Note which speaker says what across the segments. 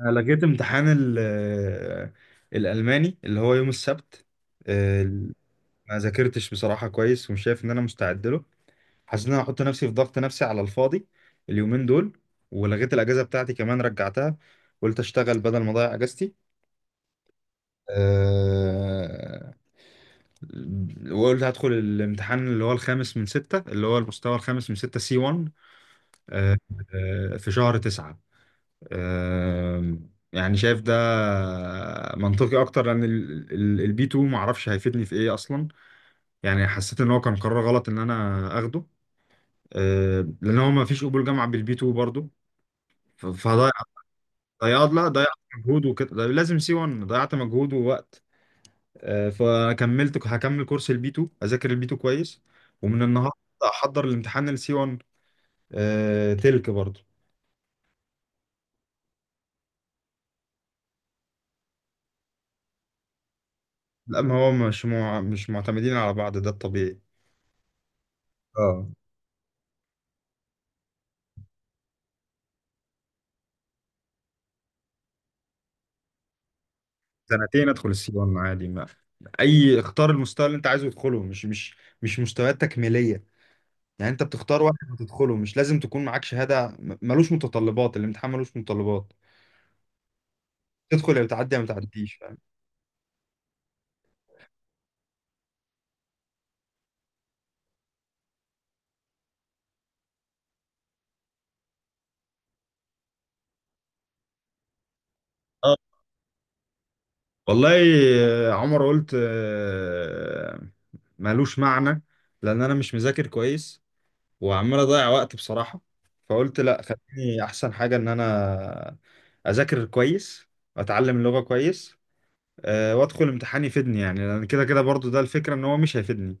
Speaker 1: أنا لقيت امتحان الألماني اللي هو يوم السبت. آه، ما ذاكرتش بصراحة كويس، ومش شايف إن أنا مستعد له. حسيت إن أنا هحط نفسي في ضغط نفسي على الفاضي اليومين دول. ولغيت الأجازة بتاعتي كمان رجعتها. قلت أشتغل بدل ما أضيع أجازتي. آه، وقلت هدخل الامتحان اللي هو الخامس من ستة، اللي هو المستوى الخامس من ستة، سي 1، في شهر تسعة. يعني شايف ده منطقي اكتر، لان البي 2 ما اعرفش هيفيدني في ايه اصلا. يعني حسيت ان هو كان قرار غلط ان انا اخده. لان هو ما فيش قبول جامعه بالبي 2 برضو. فضيع، ضيعت، لا، ضيعت مجهود وكده، ده لازم سي 1، ضيعت مجهود ووقت. فكملت، هكمل كورس البي 2، اذاكر البي 2 كويس. ومن النهارده احضر الامتحان السي 1 تلك برضو. لا، ما هو مش معتمدين على بعض، ده الطبيعي. اه، سنتين ادخل السي 1 عادي، ما اي، اختار المستوى اللي انت عايزه تدخله، مش مستويات تكميليه. يعني انت بتختار واحد هتدخله، مش لازم تكون معاك شهاده، ملوش متطلبات، الامتحان ملوش متطلبات. تدخل يا بتعدي، يا ما تعديش، فاهم. اه، والله. عمر، قلت ملوش معنى، لان انا مش مذاكر كويس وعمال اضيع وقت بصراحه. فقلت لا، خليني احسن حاجه ان انا اذاكر كويس، واتعلم اللغه كويس. وادخل امتحان يفيدني. يعني لان كده كده برضو ده الفكره، ان هو مش هيفيدني.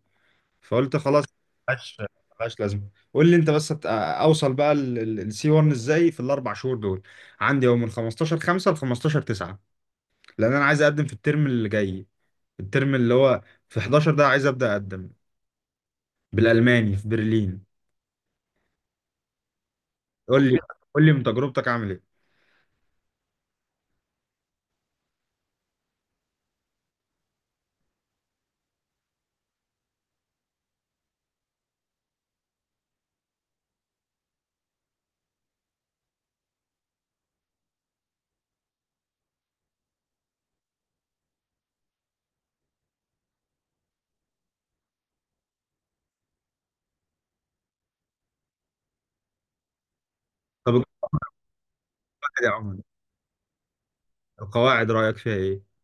Speaker 1: فقلت خلاص، ملهاش ملهاش لازمه. قول لي انت بس، اوصل بقى السي 1 ازاي في الاربع شهور دول. عندي يوم من 15 5 ل 15 9، لان انا عايز اقدم في الترم اللي جاي، الترم اللي هو في 11، ده عايز ابدا اقدم بالالماني في برلين. قول لي، قول لي من تجربتك عامل ايه. طب القواعد يا عمر، القواعد رايك فيها ايه؟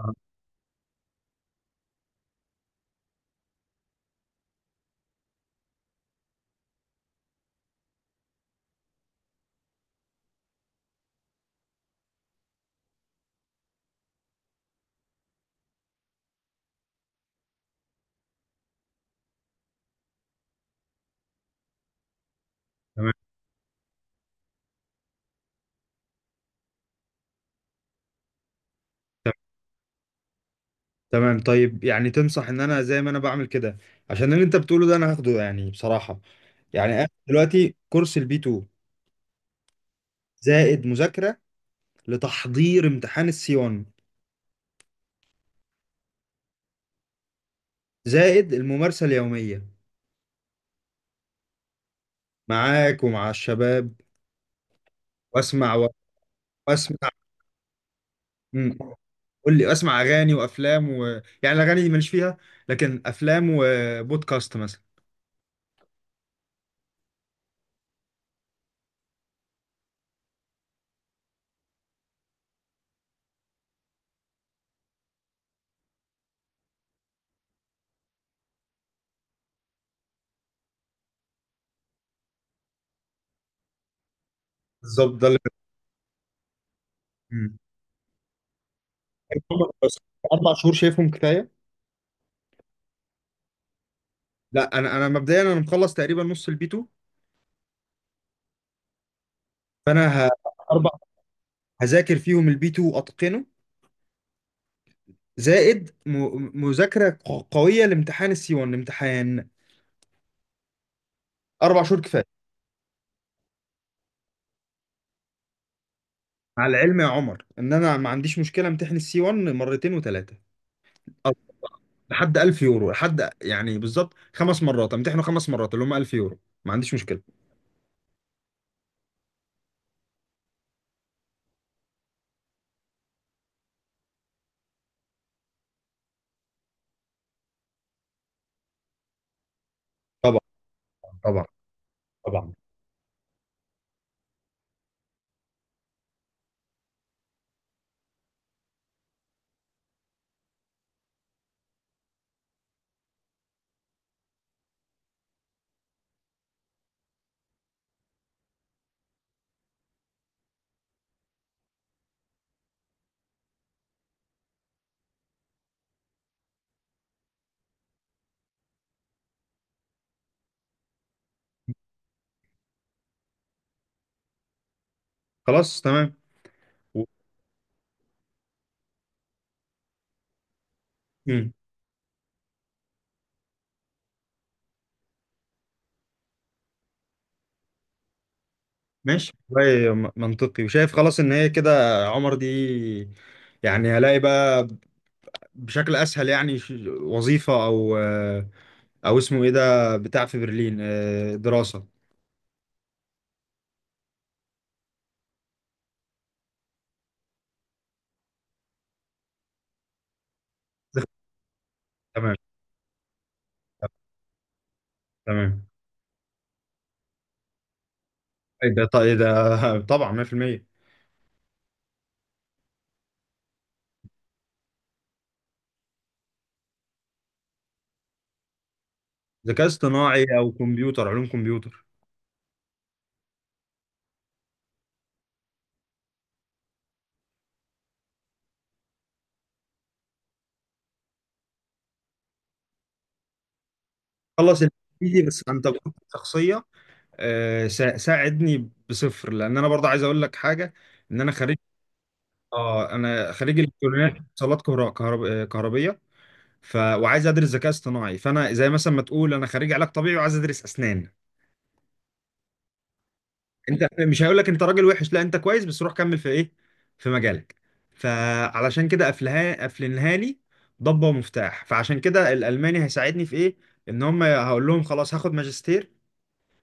Speaker 1: آه، تمام، تمام. طيب، يعني تنصح ان انا زي ما انا بعمل كده، عشان اللي انت بتقوله ده انا هاخده يعني بصراحة. يعني انا دلوقتي كورس البي 2، زائد مذاكرة لتحضير امتحان السي 1، زائد الممارسة اليومية معاك ومع الشباب، واسمع و- واسمع. مم. قول لي، اسمع اغاني وافلام و... يعني الاغاني دي ماليش فيها، لكن افلام وبودكاست مثلا. بالظبط ده اللي. مم. اربع شهور شايفهم كفايه. لا، انا مبدئيا انا مخلص تقريبا نص البي 2. فانا ه... اربع، هذاكر فيهم البي 2 واتقنه، زائد مذاكره قويه لامتحان السي 1، امتحان. 4 شهور كفايه. مع العلم يا عمر ان انا ما عنديش مشكله امتحن السي 1 مرتين وثلاثه، لحد 1000 يورو، لحد يعني بالظبط 5 مرات، امتحنه 5 مرات اللي هم 1000 يورو، ما عنديش مشكله. طبعا، طبعا، طبعا. خلاص تمام، و... مم. ماشي والله، منطقي، وشايف خلاص ان هي كده يا عمر دي. يعني هلاقي بقى بشكل اسهل، يعني وظيفه، او اسمه ايه ده، بتاع في برلين، دراسه. تمام، تمام. ايه ده؟ طيب إيه ده؟ طبعا 100%. ذكاء اصطناعي او كمبيوتر، علوم كمبيور. خلص الانجليزي بس عن تجربه شخصيه. ساعدني بصفر، لان انا برضه عايز اقول لك حاجه، ان انا خريج. اه، انا خريج الكترونيات اتصالات كهرباء كهربيه. وعايز ادرس ذكاء اصطناعي. فانا زي مثلا ما تقول انا خريج علاج طبيعي وعايز ادرس اسنان. انت مش هقول لك انت راجل وحش، لا انت كويس، بس روح كمل في ايه، في مجالك. فعلشان كده قفلنها لي ضبة ومفتاح. فعشان كده الالماني هيساعدني في ايه؟ ان هم هقول لهم خلاص هاخد ماجستير،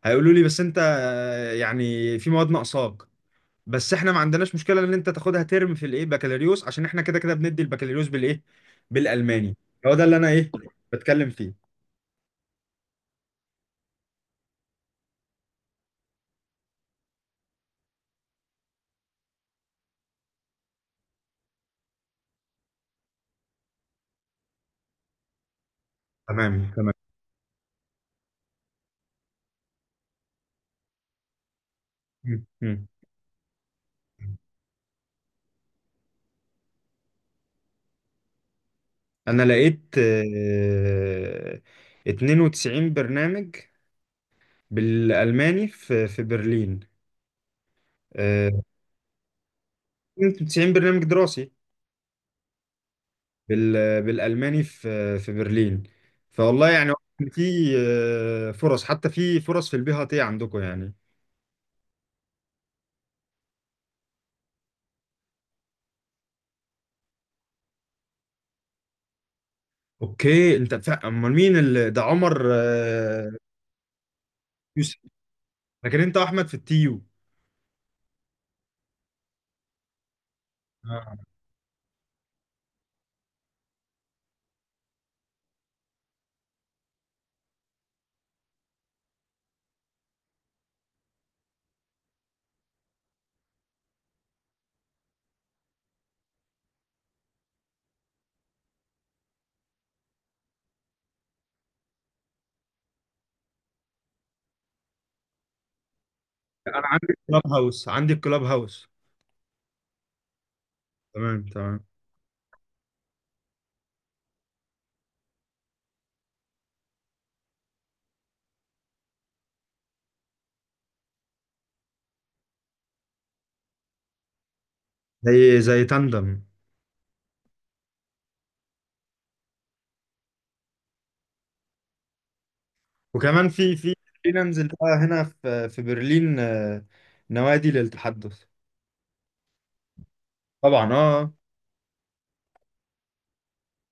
Speaker 1: هيقولوا لي بس انت يعني في مواد ناقصاك، بس احنا ما عندناش مشكله ان انت تاخدها ترم في الايه بكالوريوس، عشان احنا كده كده بندي البكالوريوس بالايه، بالالماني. هو ده اللي انا ايه بتكلم فيه. تمام، تمام. مم. مم. انا لقيت 92 برنامج بالالماني في في برلين. آه، 92 برنامج دراسي بالالماني في في برلين. فوالله يعني، في فرص، حتى في فرص في البي تي عندكم يعني. اوكي، انت امال مين اللي ده، عمر يوسف. لكن انت احمد في التيو. آه. انا عندي كلاب هاوس، عندي كلاب هاوس. تمام، تمام. زي تاندم. وكمان في في خلينا ننزل بقى هنا في في برلين، نوادي للتحدث. طبعا، اه.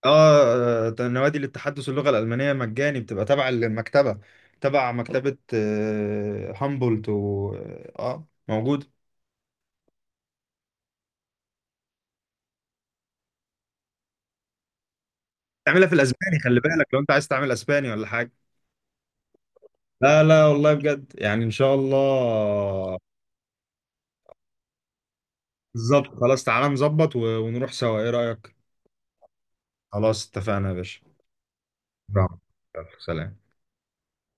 Speaker 1: اه، نوادي للتحدث اللغة الألمانية مجاني، بتبقى تبع المكتبة، تبع مكتبة هامبولت، و موجود. تعملها في الأسباني، خلي بالك لو أنت عايز تعمل أسباني ولا حاجة. لا لا، والله بجد يعني إن شاء الله. بالظبط، خلاص تعالى نظبط ونروح سوا، إيه رأيك؟ خلاص، اتفقنا يا باشا. نعم. يلا، سلام.